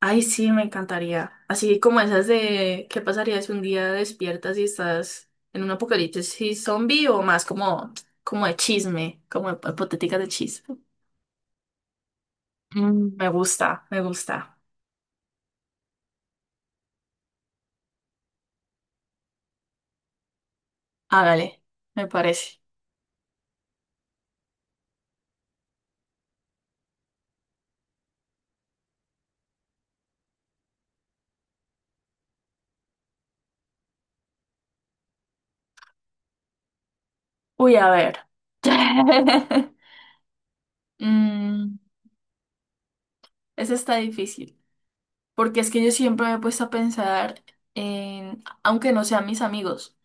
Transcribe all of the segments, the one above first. Ay, sí, me encantaría. Así como esas de ¿qué pasaría si un día despiertas y estás en un apocalipsis zombie o más como de chisme, como hipotética de chisme? Mm, me gusta, me gusta. Hágale, me parece. Uy, a ver. Mm, Ese está difícil. Porque es que yo siempre me he puesto a pensar en, aunque no sean mis amigos,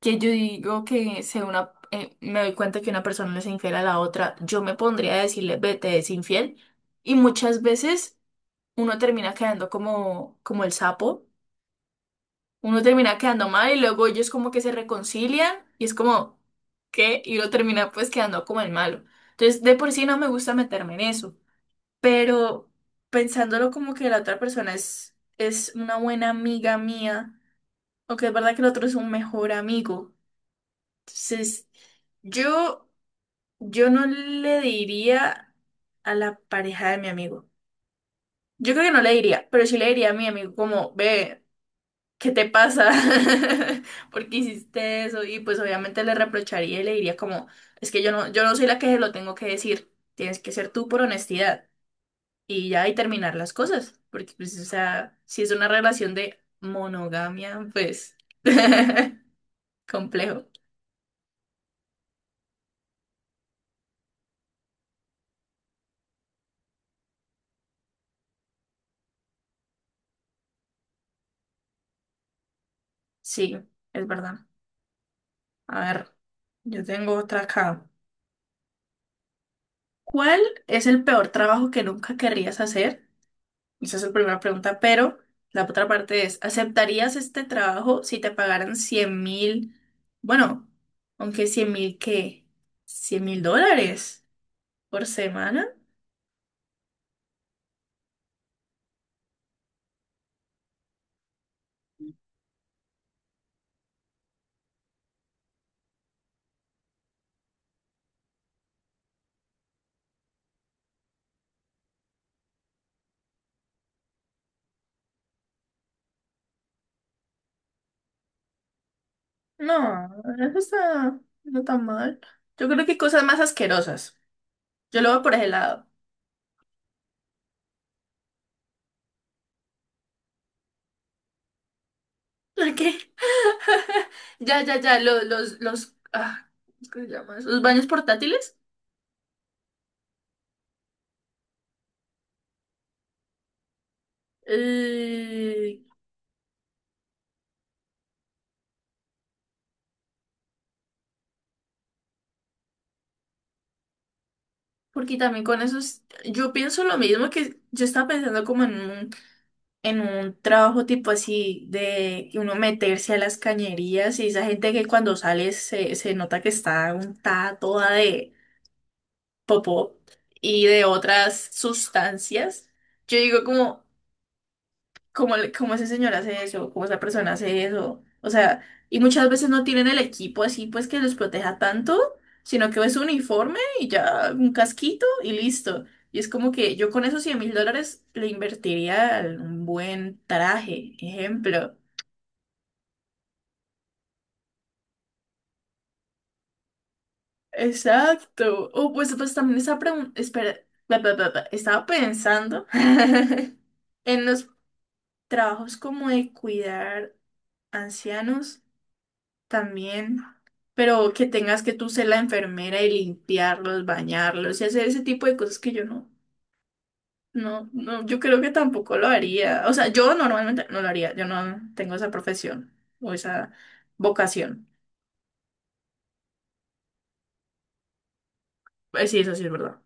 que yo digo que se una, me doy cuenta que una persona le es infiel a la otra, yo me pondría a decirle, vete, es infiel. Y muchas veces uno termina quedando como, como el sapo, uno termina quedando mal y luego ellos como que se reconcilian y es como, ¿qué? Y uno termina pues quedando como el malo. Entonces, de por sí no me gusta meterme en eso, pero pensándolo como que la otra persona es una buena amiga mía, o que es verdad que el otro es un mejor amigo. Entonces, yo, yo no le diría a la pareja de mi amigo. Yo creo que no le diría, pero sí le diría a mi amigo como, ve, ¿qué te pasa? ¿Por qué hiciste eso? Y pues obviamente le reprocharía y le diría como, es que yo no soy la que se lo tengo que decir. Tienes que ser tú por honestidad. Y ya, y terminar las cosas, porque pues, o sea, si es una relación de monogamia, pues complejo. Sí, es verdad. A ver, yo tengo otra acá. ¿Cuál es el peor trabajo que nunca querrías hacer? Esa es la primera pregunta, pero la otra parte es, ¿aceptarías este trabajo si te pagaran 100.000? Bueno, aunque 100.000, ¿qué? ¿100.000 dólares por semana? No, eso está no tan mal. Yo creo que hay cosas más asquerosas. Yo lo veo por ese lado. ¿Por qué? Ya, ya, ya, los ¿cómo se llama eso? Los baños portátiles. Eh, porque también con esos, yo pienso lo mismo que yo estaba pensando como en un, trabajo tipo así de que uno meterse a las cañerías y esa gente que cuando sale se nota que está untada toda de popó y de otras sustancias, yo digo como ese señor hace eso, como esa persona hace eso, o sea, y muchas veces no tienen el equipo así pues que los proteja tanto, sino que es un uniforme y ya un casquito y listo. Y es como que yo con esos 100.000 dólares le invertiría en un buen traje, ejemplo. Exacto. Oh, pues, pues también estaba, espera, bla, bla, bla, bla. Estaba pensando en los trabajos como de cuidar ancianos también, pero que tengas que tú ser la enfermera y limpiarlos, bañarlos y hacer ese tipo de cosas que yo no, no, no, yo creo que tampoco lo haría. O sea, yo normalmente no lo haría, yo no tengo esa profesión o esa vocación. Sí, eso sí es verdad.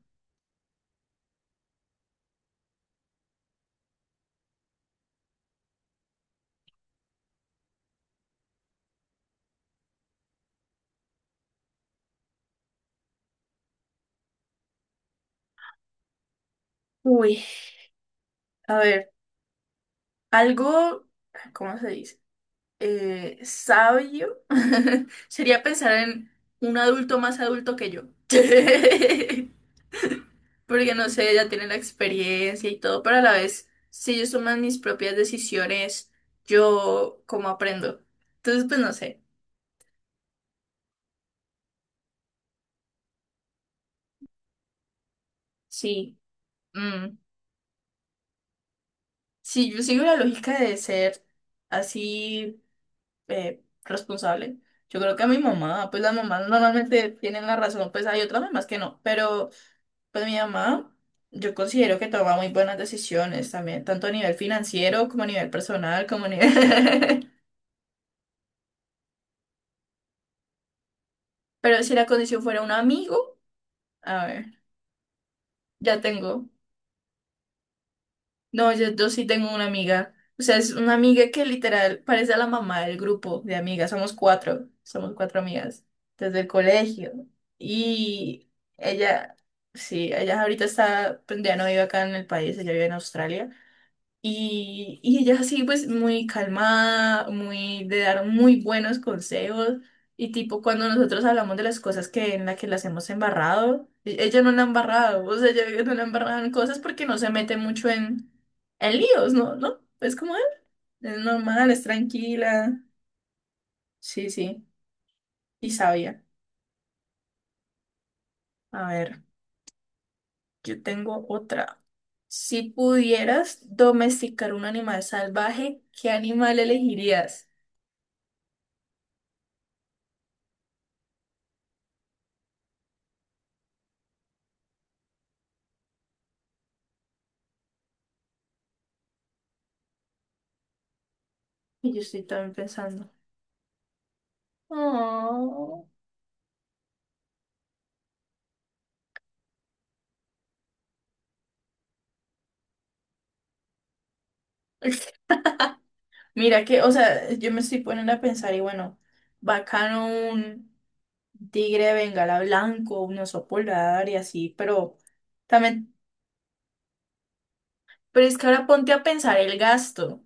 Uy, a ver, algo, ¿cómo se dice? Sabio sería pensar en un adulto más adulto que yo. Porque no sé, ya tienen la experiencia y todo, pero a la vez, si ellos toman mis propias decisiones, yo cómo aprendo. Entonces, pues no sé, sí, mm, si yo sigo la lógica de ser así, responsable, yo creo que a mi mamá, pues las mamás normalmente tienen la razón, pues hay otras mamás que no, pero pues mi mamá, yo considero que toma muy buenas decisiones también, tanto a nivel financiero como a nivel personal, como a nivel... Pero si la condición fuera un amigo... A ver. Ya tengo. No, yo sí tengo una amiga. O sea, es una amiga que literal parece a la mamá del grupo de amigas. Somos cuatro. Somos cuatro amigas desde el colegio. Y Ella, sí, ella ahorita está, pues ya no vive acá en el país, ella vive en Australia. Y ella así, pues muy calmada, muy de dar muy buenos consejos. Y tipo, cuando nosotros hablamos de las cosas que en las que las hemos embarrado, ella no la ha embarrado, o sea, ella no la ha embarrado en cosas porque no se mete mucho en, líos, ¿no? ¿No? Es como él, es normal, es tranquila. Sí, sí, y sabia. A ver, yo tengo otra. Si pudieras domesticar un animal salvaje, ¿qué animal elegirías? Y yo estoy también pensando. Oh. Mira que, o sea, yo me estoy poniendo a pensar y bueno, bacano un tigre de bengala blanco, un oso polar y así, pero también, pero es que ahora ponte a pensar el gasto,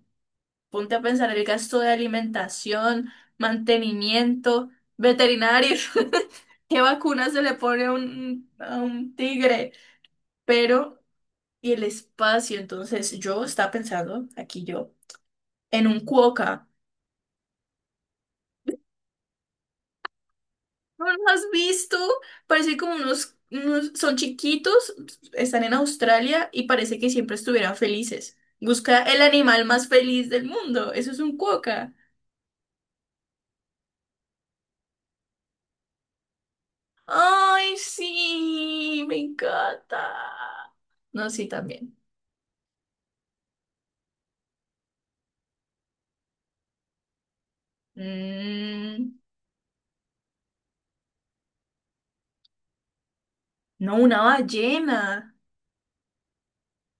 ponte a pensar el gasto de alimentación, mantenimiento, veterinario, qué vacunas se le pone a un tigre, pero y el espacio, entonces yo estaba pensando, aquí yo, en un cuoca. ¿No los has visto? Parece como unos, son chiquitos, están en Australia y parece que siempre estuvieran felices. Busca el animal más feliz del mundo. Eso es un cuoca. Ay, sí, me encanta. No, sí, también. Mm, no, una ballena.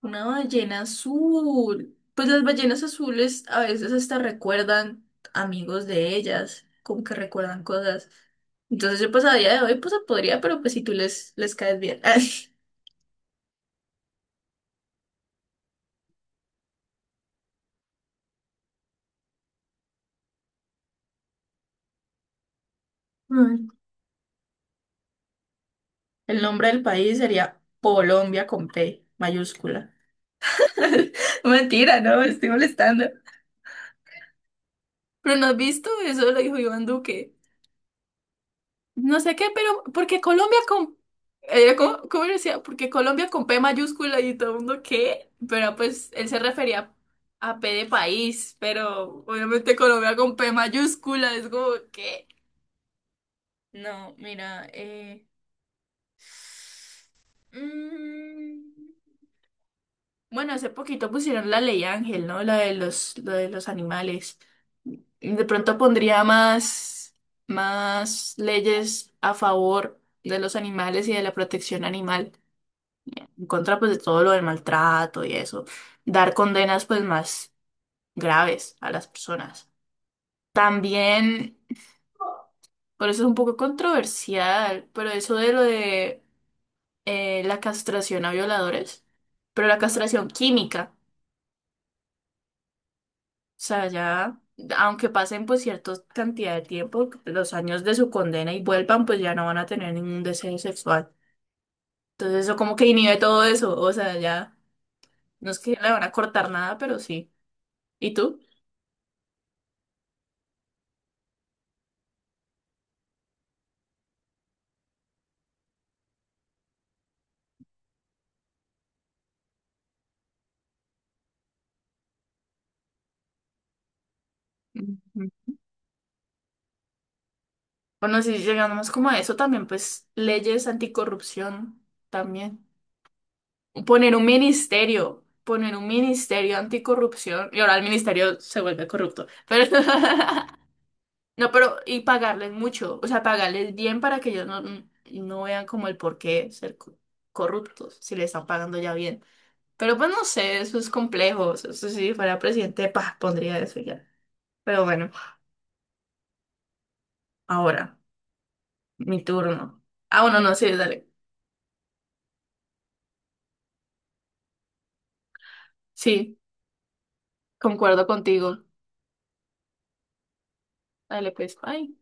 Una ballena azul. Pues las ballenas azules a veces hasta recuerdan amigos de ellas, como que recuerdan cosas. Entonces yo pues a día de hoy pues podría, pero pues si tú les caes bien. Mm. El nombre del país sería Colombia con P mayúscula. Mentira, no, me estoy molestando. Pero no has visto, eso lo dijo Iván Duque. No sé qué, pero porque Colombia con... ¿cómo decía? Porque Colombia con P mayúscula y todo el mundo qué, pero pues él se refería a P de país, pero obviamente Colombia con P mayúscula es como qué. No, mira, mm, bueno, hace poquito pusieron la ley Ángel, ¿no? La de los animales. De pronto pondría más leyes a favor de los animales y de la protección animal, en contra pues de todo lo del maltrato y eso, dar condenas pues más graves a las personas. También, por eso es un poco controversial, pero eso de lo de la castración a violadores, pero la castración química, o sea, ya, aunque pasen pues cierta cantidad de tiempo, los años de su condena y vuelvan, pues ya no van a tener ningún deseo sexual. Entonces eso como que inhibe todo eso, o sea, ya, no es que le van a cortar nada, pero sí. ¿Y tú? Ujú. Bueno, si llegamos como a eso también, pues leyes anticorrupción también. Poner un ministerio anticorrupción. Y ahora el ministerio se vuelve corrupto. Pero no, pero y pagarles mucho, o sea, pagarles bien para que ellos no vean como el por qué ser corruptos, si le están pagando ya bien. Pero pues no sé, eso es complejo. Eso si fuera presidente, pondría eso ya. Pero bueno, ahora, mi turno. Ah, bueno, no, sí, dale. Sí. Concuerdo contigo. Dale, pues. Bye.